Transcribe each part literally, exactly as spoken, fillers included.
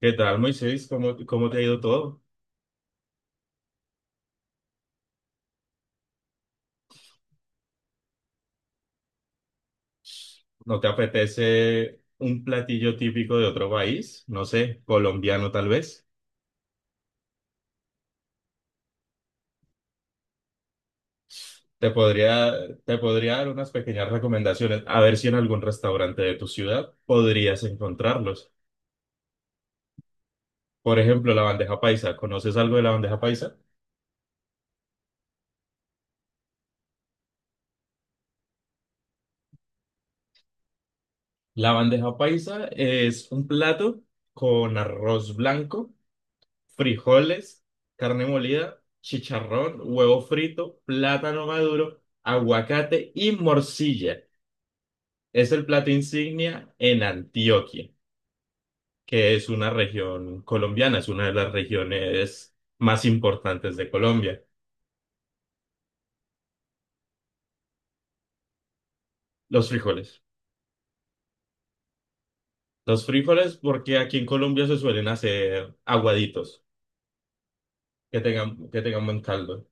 ¿Qué tal, Moisés? ¿Cómo, cómo te ha ido todo? ¿No te apetece un platillo típico de otro país? No sé, colombiano tal vez. Te podría, te podría dar unas pequeñas recomendaciones, a ver si en algún restaurante de tu ciudad podrías encontrarlos. Por ejemplo, la bandeja paisa. ¿Conoces algo de la bandeja paisa? La bandeja paisa es un plato con arroz blanco, frijoles, carne molida, chicharrón, huevo frito, plátano maduro, aguacate y morcilla. Es el plato insignia en Antioquia, que es una región colombiana, es una de las regiones más importantes de Colombia. Los frijoles. Los frijoles porque aquí en Colombia se suelen hacer aguaditos, que tengan, que tengan buen caldo.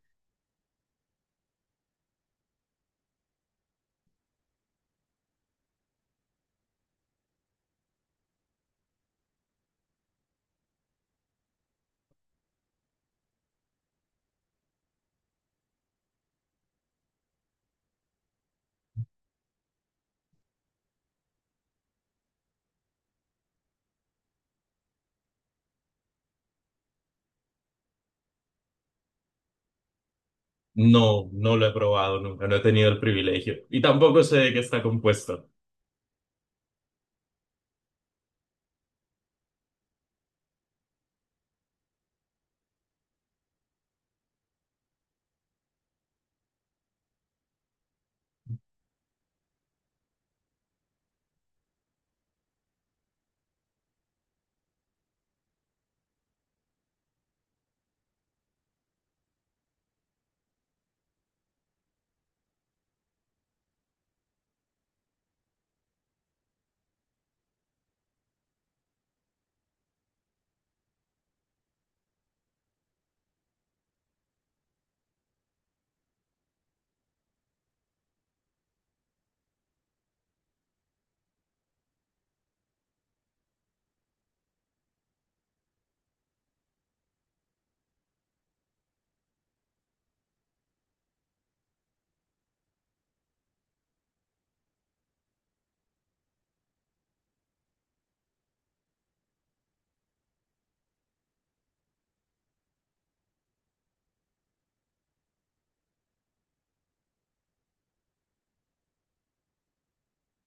No, no lo he probado nunca, no he tenido el privilegio y tampoco sé de qué está compuesto.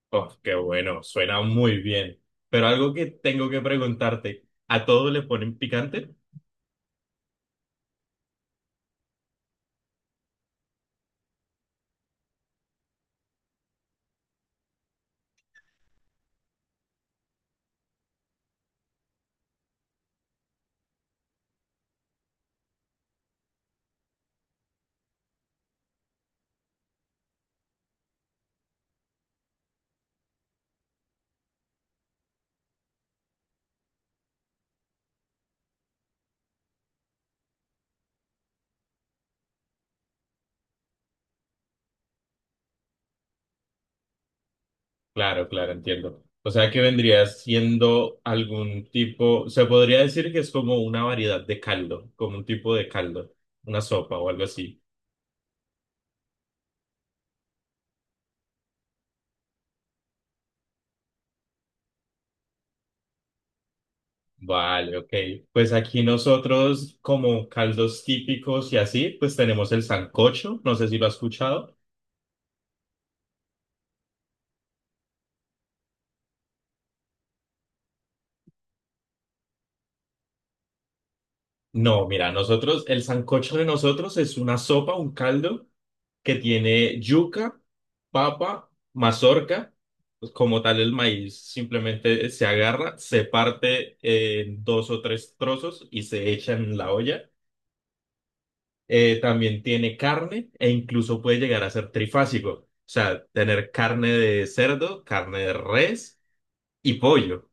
Oh, qué bueno, suena muy bien. Pero algo que tengo que preguntarte, ¿a todo le ponen picante? Claro, claro, entiendo. O sea que vendría siendo algún tipo, se podría decir que es como una variedad de caldo, como un tipo de caldo, una sopa o algo así. Vale, ok. Pues aquí nosotros como caldos típicos y así, pues tenemos el sancocho, no sé si lo has escuchado. No, mira, nosotros, el sancocho de nosotros es una sopa, un caldo que tiene yuca, papa, mazorca, pues como tal el maíz simplemente se agarra, se parte en dos o tres trozos y se echa en la olla. Eh, también tiene carne e incluso puede llegar a ser trifásico, o sea, tener carne de cerdo, carne de res y pollo.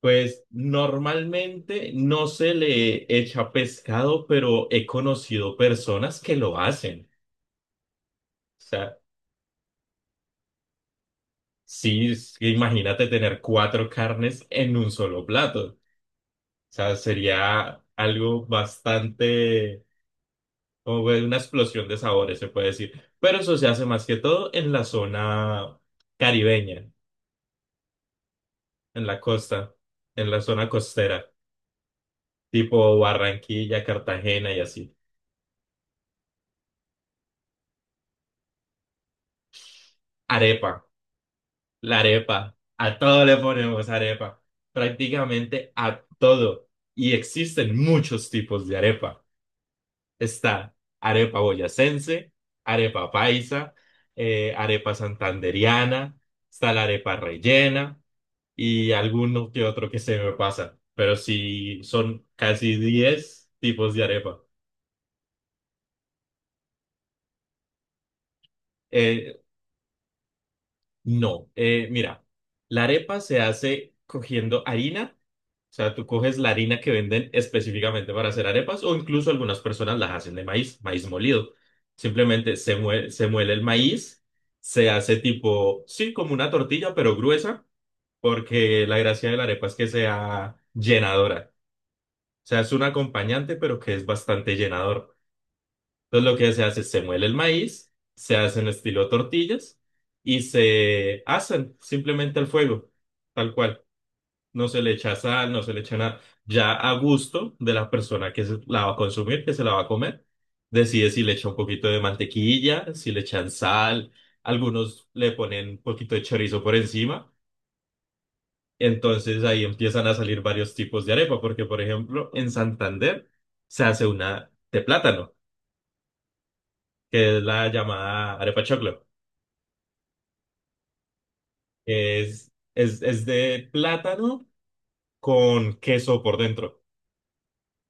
Pues normalmente no se le echa pescado, pero he conocido personas que lo hacen. O sea, sí, es que imagínate tener cuatro carnes en un solo plato. O sea, sería algo bastante, como fue una explosión de sabores, se puede decir. Pero eso se hace más que todo en la zona caribeña, en la costa, en la zona costera, tipo Barranquilla, Cartagena y así. Arepa. La arepa, a todo le ponemos arepa, prácticamente a todo. Y existen muchos tipos de arepa. Está arepa boyacense, arepa paisa, eh, arepa santandereana, está la arepa rellena y alguno que otro que se me pasa. Pero sí, son casi diez tipos de arepa. Eh, no, eh, mira, la arepa se hace cogiendo harina. O sea, tú coges la harina que venden específicamente para hacer arepas o incluso algunas personas las hacen de maíz, maíz molido. Simplemente se muele, se muele el maíz, se hace tipo, sí, como una tortilla, pero gruesa, porque la gracia de la arepa es que sea llenadora. O sea, es un acompañante, pero que es bastante llenador. Entonces lo que se hace es se muele el maíz, se hacen estilo tortillas y se hacen simplemente al fuego, tal cual, no se le echa sal, no se le echa nada. Ya a gusto de la persona que se la va a consumir, que se la va a comer, decide si le echa un poquito de mantequilla, si le echan sal, algunos le ponen un poquito de chorizo por encima. Entonces ahí empiezan a salir varios tipos de arepa, porque por ejemplo en Santander se hace una de plátano, que es la llamada arepa choclo. Es, es, es de plátano con queso por dentro, o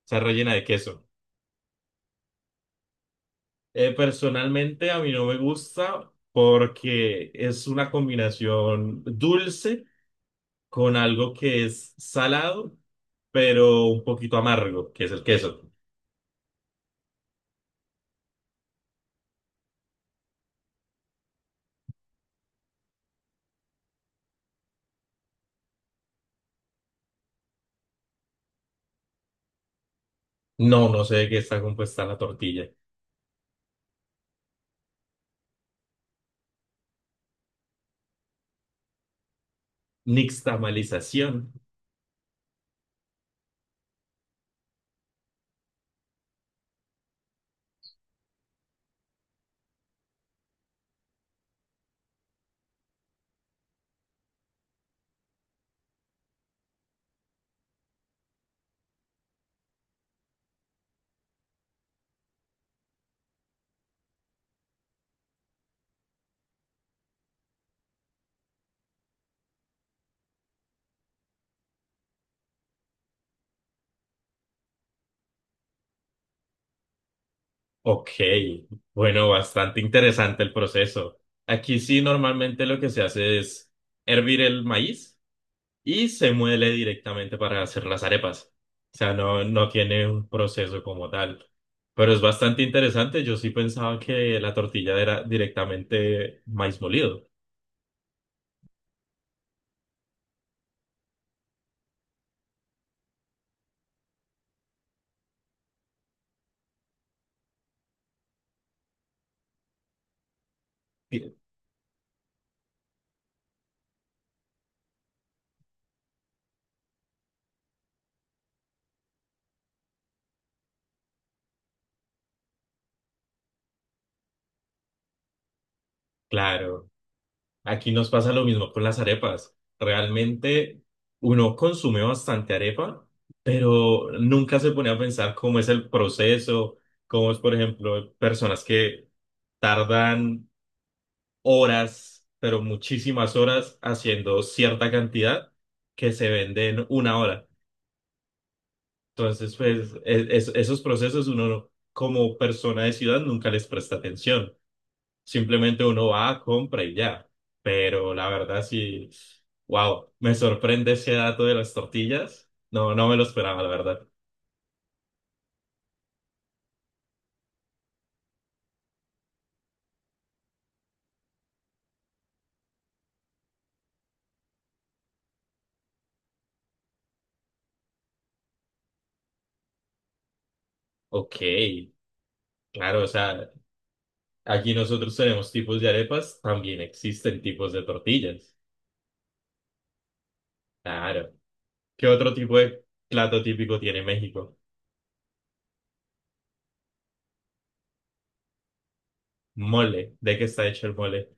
sea, rellena de queso. Eh, personalmente a mí no me gusta porque es una combinación dulce con algo que es salado, pero un poquito amargo, que es el queso. No, no sé de qué está compuesta la tortilla. Nixtamalización. Ok, bueno, bastante interesante el proceso. Aquí sí normalmente lo que se hace es hervir el maíz y se muele directamente para hacer las arepas. O sea, no, no tiene un proceso como tal. Pero es bastante interesante. Yo sí pensaba que la tortilla era directamente maíz molido. Claro. Aquí nos pasa lo mismo con las arepas. Realmente uno consume bastante arepa, pero nunca se pone a pensar cómo es el proceso, cómo es, por ejemplo, personas que tardan horas, pero muchísimas horas haciendo cierta cantidad que se vende en una hora. Entonces, pues, e- es- esos procesos uno como persona de ciudad nunca les presta atención. Simplemente uno va, compra y ya. Pero la verdad sí, wow, me sorprende ese dato de las tortillas. No, no me lo esperaba, la verdad. Ok, claro, o sea, aquí nosotros tenemos tipos de arepas, también existen tipos de tortillas. Claro. ¿Qué otro tipo de plato típico tiene México? Mole. ¿De qué está hecho el mole?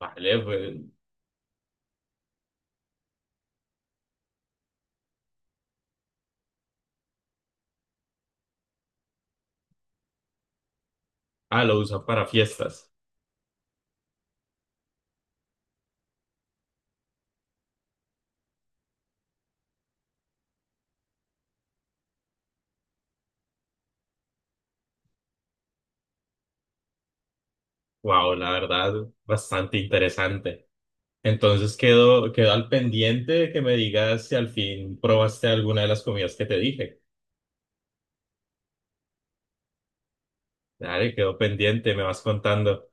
Vale, pues, ah, lo usan para fiestas. Wow, la verdad, bastante interesante. Entonces quedo, quedo al pendiente de que me digas si al fin probaste alguna de las comidas que te dije. Dale, quedo pendiente, me vas contando.